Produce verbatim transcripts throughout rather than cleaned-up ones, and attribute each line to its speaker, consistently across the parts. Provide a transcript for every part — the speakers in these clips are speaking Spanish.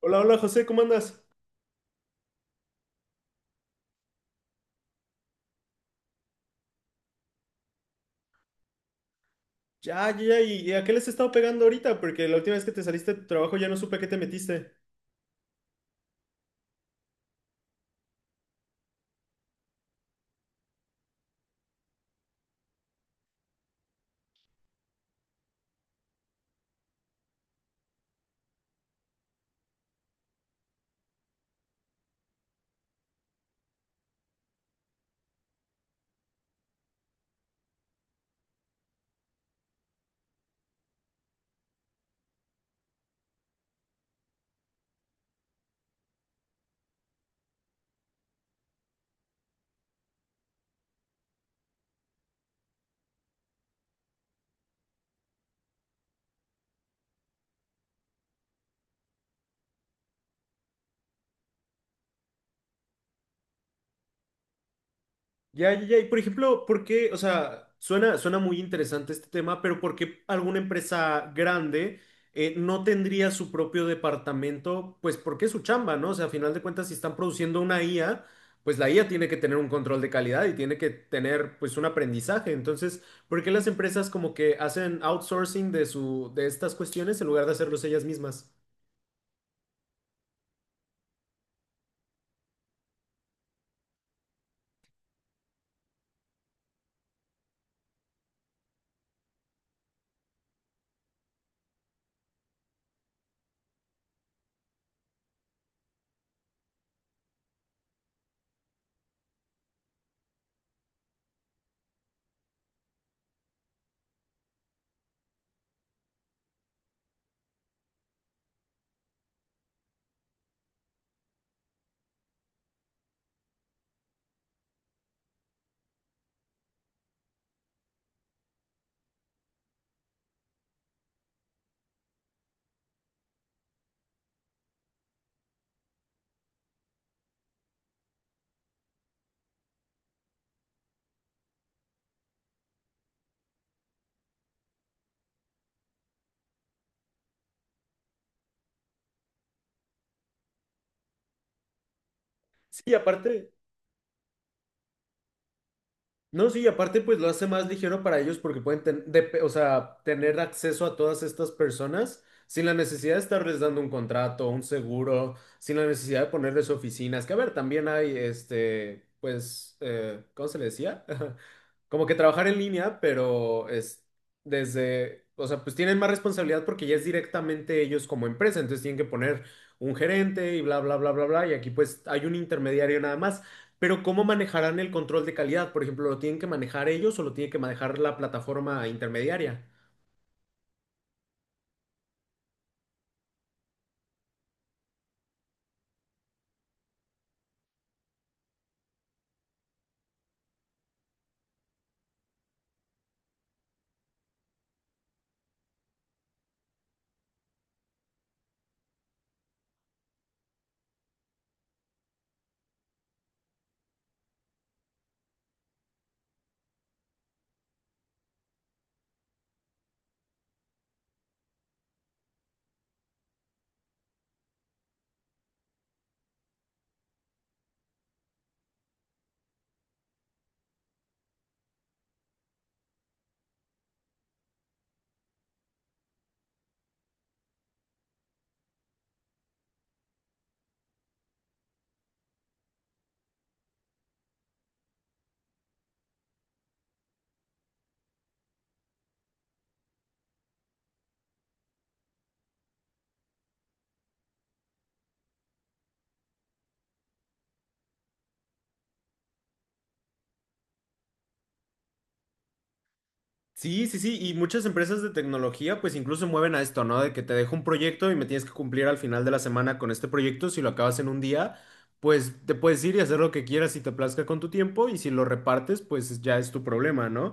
Speaker 1: Hola, hola José, ¿cómo andas? Ya, ya, ya, ¿y y a qué les he estado pegando ahorita? Porque la última vez que te saliste de tu trabajo ya no supe a qué te metiste. Ya, ya, ya, y por ejemplo, ¿por qué? O sea, suena, suena muy interesante este tema, pero ¿por qué alguna empresa grande eh, no tendría su propio departamento? Pues porque es su chamba, ¿no? O sea, a final de cuentas, si están produciendo una I A, pues la I A tiene que tener un control de calidad y tiene que tener pues un aprendizaje. Entonces, ¿por qué las empresas como que hacen outsourcing de su, de estas cuestiones en lugar de hacerlos ellas mismas? Sí, aparte, no, sí, aparte pues lo hace más ligero para ellos porque pueden ten- dep- o sea, tener acceso a todas estas personas sin la necesidad de estarles dando un contrato, un seguro, sin la necesidad de ponerles oficinas, que a ver, también hay, este, pues, eh, ¿cómo se le decía? Como que trabajar en línea, pero es desde, o sea, pues tienen más responsabilidad porque ya es directamente ellos como empresa, entonces tienen que poner un gerente y bla, bla, bla, bla, bla, y aquí pues hay un intermediario nada más. Pero ¿cómo manejarán el control de calidad? Por ejemplo, ¿lo tienen que manejar ellos o lo tiene que manejar la plataforma intermediaria? Sí, sí, sí, y muchas empresas de tecnología pues incluso mueven a esto, ¿no? De que te dejo un proyecto y me tienes que cumplir al final de la semana con este proyecto. Si lo acabas en un día, pues te puedes ir y hacer lo que quieras si te plazca con tu tiempo, y si lo repartes pues ya es tu problema, ¿no?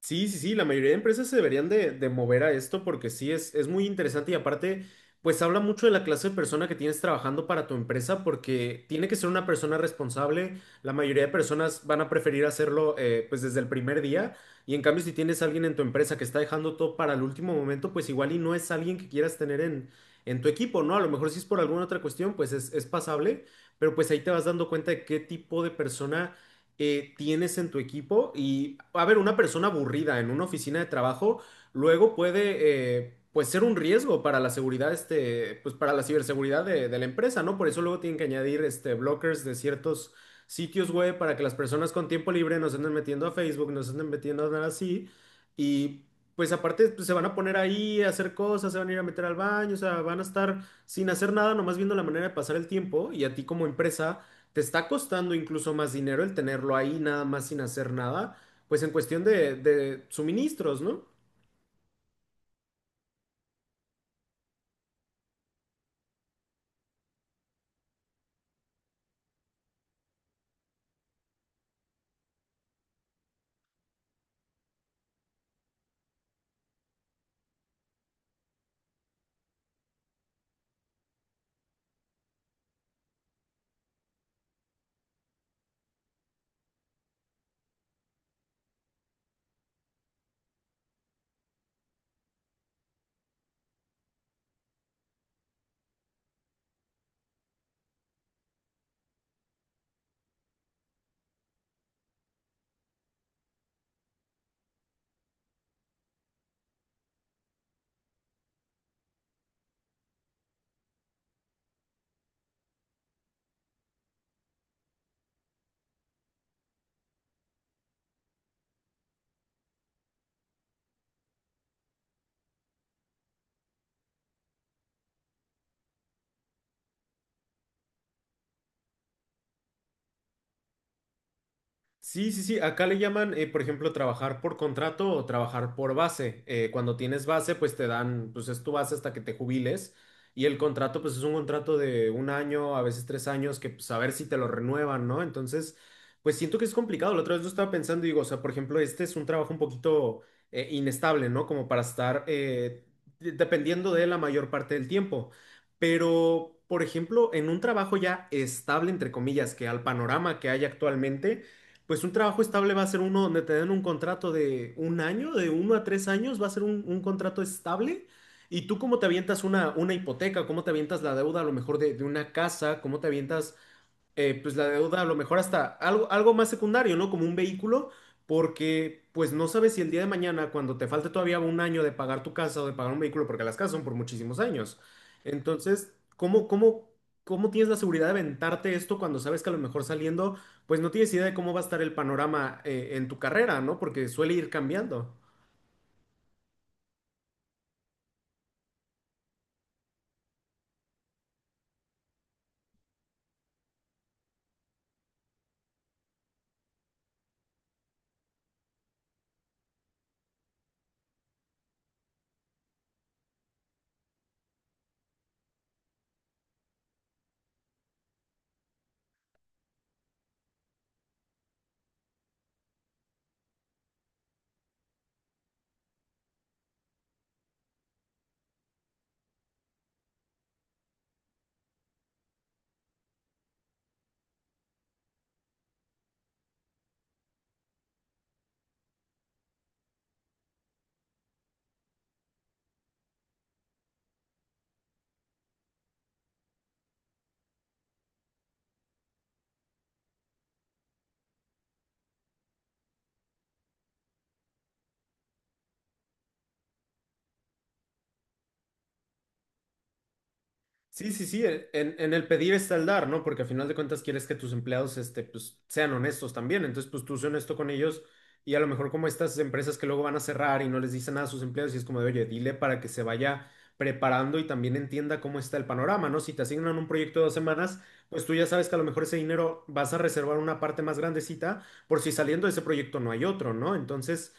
Speaker 1: Sí, sí, sí, la mayoría de empresas se deberían de, de mover a esto porque sí es, es muy interesante. Y aparte, pues habla mucho de la clase de persona que tienes trabajando para tu empresa, porque tiene que ser una persona responsable. La mayoría de personas van a preferir hacerlo eh, pues desde el primer día, y en cambio si tienes a alguien en tu empresa que está dejando todo para el último momento, pues igual y no es alguien que quieras tener en, en tu equipo, ¿no? A lo mejor si es por alguna otra cuestión, pues es, es pasable, pero pues ahí te vas dando cuenta de qué tipo de persona eh, tienes en tu equipo. Y, a ver, una persona aburrida en una oficina de trabajo luego puede, eh, pues, ser un riesgo para la seguridad, este, pues, para la ciberseguridad de, de la empresa, ¿no? Por eso luego tienen que añadir, este, blockers de ciertos sitios web para que las personas con tiempo libre no se anden metiendo a Facebook, no se anden metiendo a nada así. Y, pues, aparte, pues, se van a poner ahí a hacer cosas, se van a ir a meter al baño, o sea, van a estar sin hacer nada, nomás viendo la manera de pasar el tiempo, y a ti como empresa te está costando incluso más dinero el tenerlo ahí nada más sin hacer nada, pues en cuestión de, de suministros, ¿no? Sí, sí, sí. Acá le llaman, eh, por ejemplo, trabajar por contrato o trabajar por base. Eh, cuando tienes base, pues te dan, pues es tu base hasta que te jubiles. Y el contrato, pues es un contrato de un año, a veces tres años, que pues a ver si te lo renuevan, ¿no? Entonces, pues siento que es complicado. La otra vez yo estaba pensando y digo, o sea, por ejemplo, este es un trabajo un poquito eh, inestable, ¿no? Como para estar eh, de- dependiendo de él la mayor parte del tiempo. Pero, por ejemplo, en un trabajo ya estable, entre comillas, que al panorama que hay actualmente, pues un trabajo estable va a ser uno donde te den un contrato de un año, de uno a tres años, va a ser un, un contrato estable. Y tú cómo te avientas una, una hipoteca, cómo te avientas la deuda a lo mejor de, de una casa, cómo te avientas eh, pues la deuda a lo mejor hasta algo, algo más secundario, ¿no? Como un vehículo, porque pues no sabes si el día de mañana, cuando te falte todavía un año de pagar tu casa o de pagar un vehículo, porque las casas son por muchísimos años. Entonces, ¿cómo, cómo, cómo tienes la seguridad de aventarte esto cuando sabes que a lo mejor saliendo, pues no tienes idea de cómo va a estar el panorama, eh, en tu carrera, ¿no? Porque suele ir cambiando. Sí, sí, sí, en, en- en el pedir está el dar, ¿no? Porque a final de cuentas quieres que tus empleados, este, pues, sean honestos también. Entonces, pues tú sé honesto con ellos, y a lo mejor como estas empresas que luego van a cerrar y no les dicen nada a sus empleados, y es como de, oye, dile para que se vaya preparando y también entienda cómo está el panorama, ¿no? Si te asignan un proyecto de dos semanas, pues tú ya sabes que a lo mejor ese dinero vas a reservar una parte más grandecita, por si saliendo de ese proyecto no hay otro, ¿no? Entonces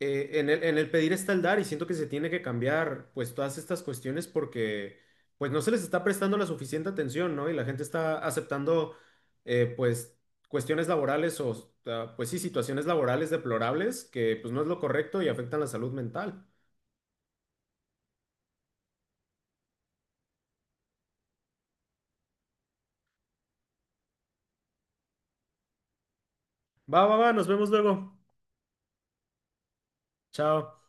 Speaker 1: eh, en el, en el pedir está el dar, y siento que se tiene que cambiar pues todas estas cuestiones porque pues no se les está prestando la suficiente atención, ¿no? Y la gente está aceptando eh, pues cuestiones laborales o ah, pues sí, situaciones laborales deplorables, que pues no es lo correcto y afectan la salud mental. Va, va, va, nos vemos luego. Chao.